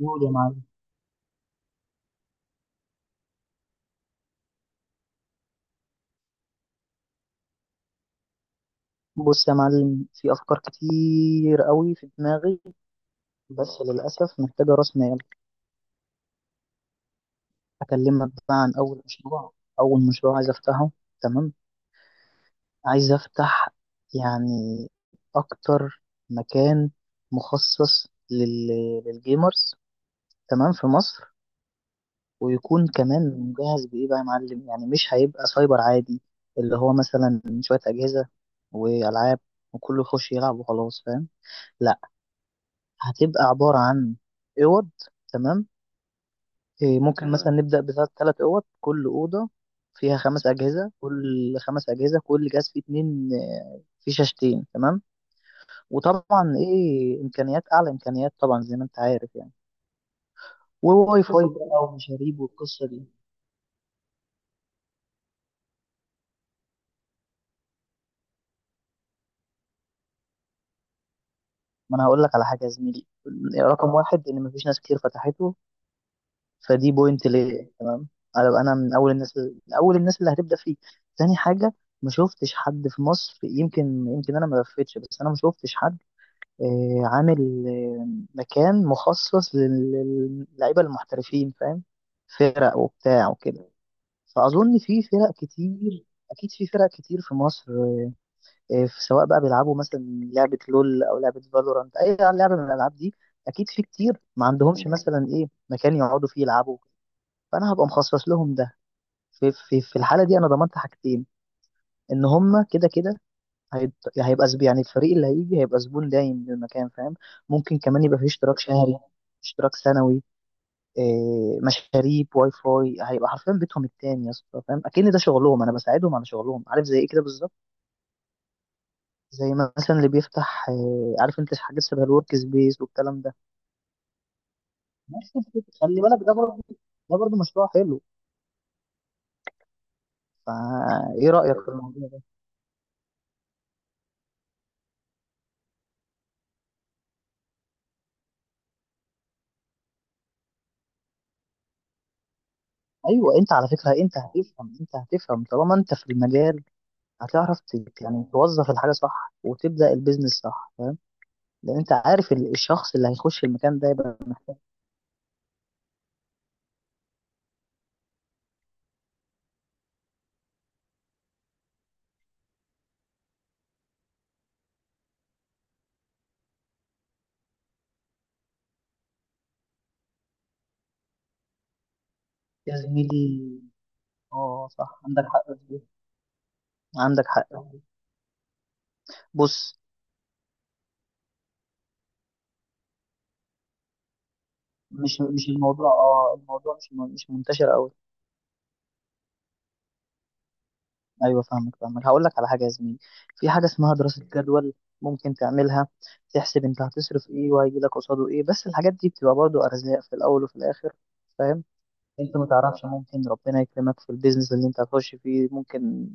قول يا معلم. بص يا معلم، في أفكار كتير قوي في دماغي، بس للأسف محتاجة رأس مال. أكلمك بقى عن أول مشروع. أول مشروع عايز أفتحه، تمام. عايز أفتح يعني أكتر مكان مخصص للجيمرز، تمام، في مصر. ويكون كمان مجهز بإيه بقى يا معلم؟ يعني مش هيبقى سايبر عادي، اللي هو مثلا شوية أجهزة وألعاب وكله يخش يلعب وخلاص، فاهم. هتبقى عبارة عن أوض، تمام. ممكن مثلا، تمام، نبدأ بثلاث أوض، كل أوضة فيها خمس أجهزة، كل جهاز فيه اتنين، فيه شاشتين، تمام. وطبعا إمكانيات أعلى، إمكانيات طبعا زي ما أنت عارف يعني. وواي فاي بقى ومشاريب والقصة دي. ما أنا هقول لك على حاجة يا زميلي. رقم واحد، إن مفيش ناس كتير فتحته، فدي بوينت ليه، تمام. هبقى انا من اول الناس، اللي هتبدا فيه. تاني حاجه، ما شفتش حد في مصر، يمكن، انا ما لفتش، بس انا ما شفتش حد عامل مكان مخصص للعيبه المحترفين، فاهم. فرق وبتاع وكده، فاظن في فرق كتير، اكيد في فرق كتير في مصر. في، سواء بقى بيلعبوا مثلا لعبه لول او لعبه فالورانت، اي لعبه من الالعاب دي، اكيد في كتير ما عندهمش مثلا مكان يقعدوا فيه يلعبوا، فانا هبقى مخصص لهم ده. في الحاله دي انا ضمنت حاجتين: ان هم كده كده هيبقى يعني الفريق اللي هيجي هيبقى زبون دايم للمكان، فاهم. ممكن كمان يبقى فيه اشتراك شهري، اشتراك سنوي، مشاريب، واي فاي. هيبقى حرفيا بيتهم التاني يا اسطى، فاهم، اكن ده شغلهم، انا بساعدهم على شغلهم، عارف، زي كده بالظبط، زي مثلا اللي بيفتح عارف انت حاجات شبه الورك سبيس والكلام ده. نفس الفكرة. خلي بالك ده برضه، ده برضه مشروع حلو. فايه رايك في الموضوع؟ ايوه، انت على فكره انت هتفهم، انت هتفهم طالما انت في المجال. هتعرف يعني توظف الحاجه صح وتبدا البيزنس صح، فاهم. لان انت عارف الشخص اللي هيخش المكان ده يبقى يا زميلي، اه صح، عندك حق في دي. عندك حق. بص، مش الموضوع، اه الموضوع مش منتشر قوي. ايوه فاهمك، فاهمك، هقول لك على حاجه يا زميلي. في حاجه اسمها دراسه جدول، ممكن تعملها، تحسب انت هتصرف ايه وهيجي لك قصاده ايه، بس الحاجات دي بتبقى برضو ارزاق في الاول وفي الاخر، فاهم. انت ما تعرفش، ممكن ربنا يكرمك في البيزنس اللي انت هتخش فيه، ممكن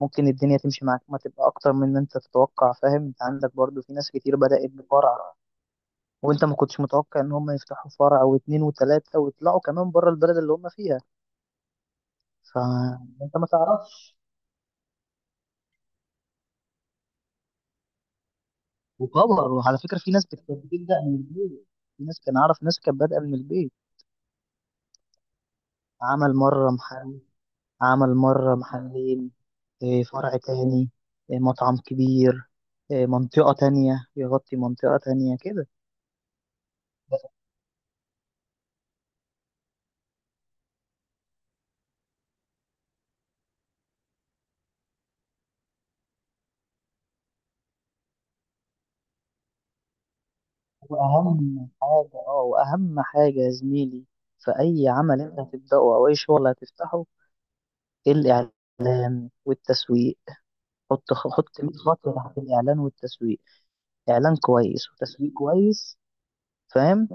ممكن الدنيا تمشي معاك ما تبقى اكتر من ان انت تتوقع، فاهم. انت عندك برضو في ناس كتير بدأت بفرع، وانت ما كنتش متوقع ان هم يفتحوا فرع او اتنين وتلاتة، ويطلعوا كمان بره البلد اللي هم فيها، فانت ما تعرفش. وكبر. وعلى فكرة في ناس بتبدأ من البيت، في ناس كان اعرف ناس كانت بادئة من البيت. عمل مرة محل، عمل مرة محلين، فرع تاني، مطعم كبير، منطقة تانية، يغطي منطقة تانية كده. بس وأهم حاجة، اه، وأهم حاجة يا زميلي في أي عمل أنت هتبدأه أو أي شغل هتفتحه: الإعلان والتسويق. حط 100 خط تحت الإعلان والتسويق. إعلان كويس وتسويق كويس، فاهم.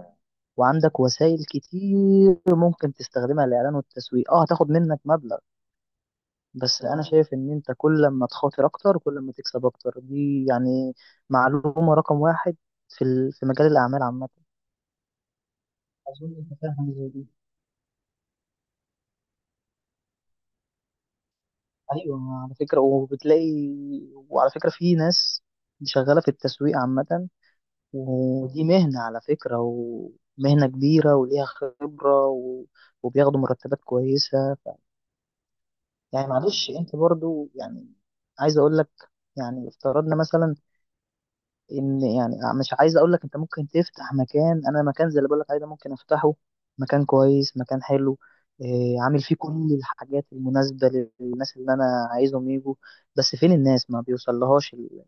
وعندك وسائل كتير ممكن تستخدمها. الإعلان والتسويق اه هتاخد منك مبلغ، بس انا شايف ان انت كل ما تخاطر اكتر كل ما تكسب اكتر، دي يعني معلومة رقم واحد في في مجال الاعمال عامة. اظن انت فاهم حاجة زي دي، ايوه. على فكرة، وبتلاقي، وعلى فكرة في ناس شغالة في التسويق عامة، ودي مهنة على فكرة، ومهنة كبيرة وليها خبرة وبياخدوا مرتبات كويسة. يعني معلش انت برضو يعني، عايز اقول لك، يعني افترضنا مثلا ان، يعني مش عايز اقول لك، انت ممكن تفتح مكان، انا مكان زي اللي بقول لك عليه ده ممكن افتحه. مكان كويس، مكان حلو، عامل فيه كل الحاجات المناسبة للناس اللي انا عايزهم يجوا، بس فين الناس؟ ما بيوصلهاش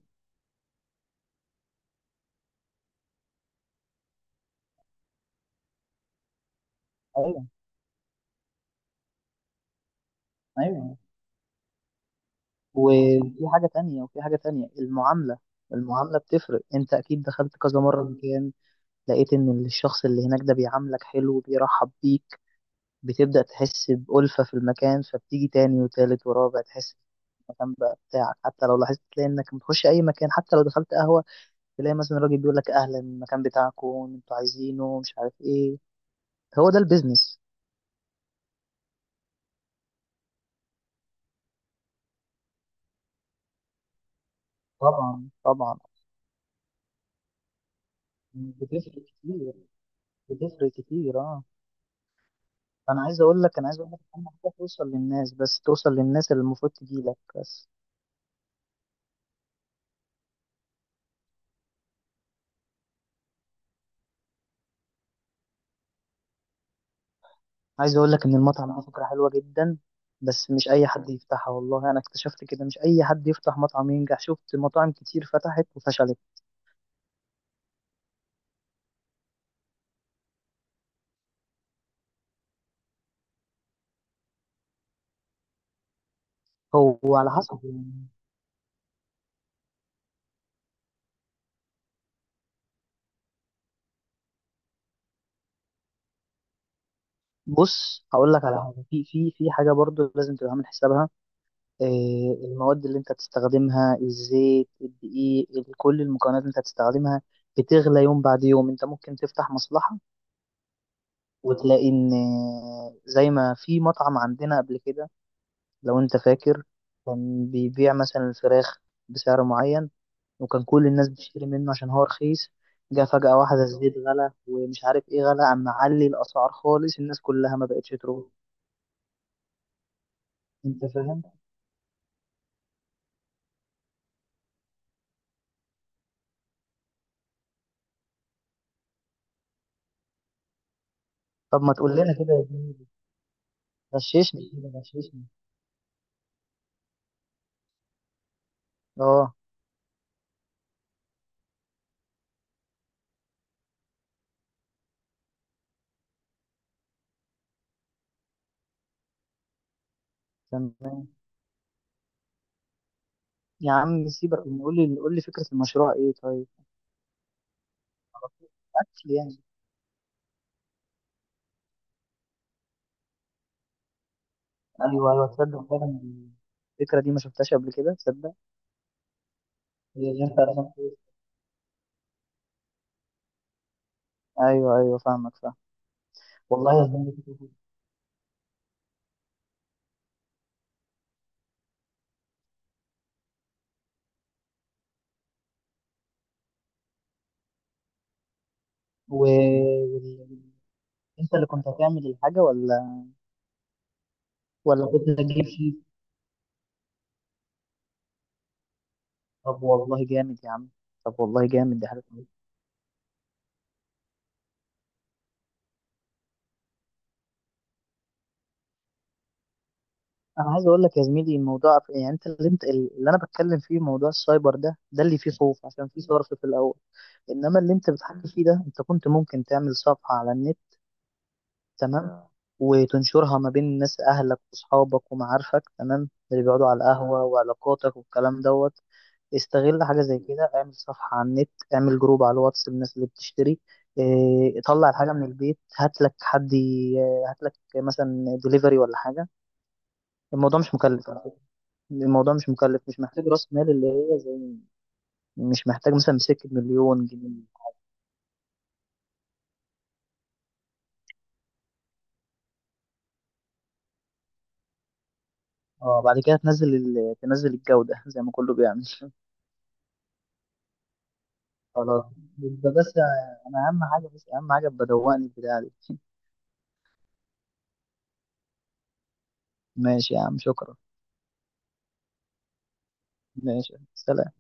ايوه ايوه. وفي حاجة تانية، وفي حاجة تانية: المعاملة. المعاملة بتفرق. انت اكيد دخلت كذا مرة مكان، لقيت ان الشخص اللي هناك ده بيعاملك حلو، بيرحب بيك، بتبدأ تحس بألفة في المكان، فبتيجي تاني وتالت ورابع، تحس المكان بقى بتاعك. حتى لو لاحظت تلاقي انك بتخش اي مكان، حتى لو دخلت قهوه، تلاقي مثلا الراجل بيقول لك اهلا، المكان بتاعكم، انتوا عايزينه مش عارف ايه. هو ده البيزنس. طبعا طبعا. بتفرق كتير. بتفرق كتير اه. انا عايز اقول لك، انا عايز اقول لك اهم حاجه توصل للناس، بس توصل للناس اللي المفروض تجي لك بس. عايز اقول لك ان المطعم ده فكره حلوه جدا، بس مش اي حد يفتحها والله. انا اكتشفت كده، مش اي حد يفتح مطعم ينجح، شفت مطاعم كتير فتحت وفشلت. هو على حسب يعني. بص، هقول لك على حاجه، في حاجه برضو لازم تبقى عامل حسابها. المواد اللي انت هتستخدمها، الزيت، الدقيق، كل المكونات اللي انت هتستخدمها بتغلى يوم بعد يوم. انت ممكن تفتح مصلحه وتلاقي ان، زي ما في مطعم عندنا قبل كده، لو انت فاكر، كان بيبيع مثلا الفراخ بسعر معين، وكان كل الناس بتشتري منه عشان هو رخيص. جه فجأة واحدة الزيت غلى ومش عارف ايه غلى، عم معلي الأسعار خالص، الناس كلها ما بقتش تروح، انت فاهم. طب ما تقول لنا كده يا زميلي، غششني كده، غششني. اه تمام. يا عم سيبك، قول لي، قول لي فكرة المشروع ايه طيب. اكل يعني؟ ايوه ايوه، تصدق فعلا الفكرة دي ما شفتهاش قبل كده، تصدق. هي اللي انت رسمت فيها. ايوه ايوه فاهمك، فاهم. والله يا زميلي فكرة حلوة. و... وال- انت اللي كنت هتعمل الحاجة ولا، ولا كنت هتجيب شيء؟ طب والله جامد يا عم، طب والله جامد، دي حاجة. انا عايز اقول لك يا زميلي الموضوع يعني انت اللي انا بتكلم فيه موضوع السايبر ده، ده اللي فيه خوف عشان فيه صرف في الاول. انما اللي انت بتحكي فيه ده، انت كنت ممكن تعمل صفحة على النت، تمام، وتنشرها ما بين الناس، اهلك واصحابك ومعارفك، تمام، اللي بيقعدوا على القهوة وعلاقاتك والكلام دوت. استغل حاجة زي كده، اعمل صفحة على النت، اعمل جروب على الواتس للناس اللي بتشتري، طلع الحاجة من البيت، هات لك حد هات لك مثلا دليفري ولا حاجة. الموضوع مش مكلف، الموضوع مش مكلف، مش محتاج راس مال اللي هي زي، مش محتاج مثلا سكة مليون جنيه. اه بعد كده تنزل تنزل الجودة زي ما كله بيعمل. خلاص، يبقى بس، انا اهم حاجة، بس اهم حاجة بدوقني البتاع دي. ماشي يا عم شكرا. ماشي سلام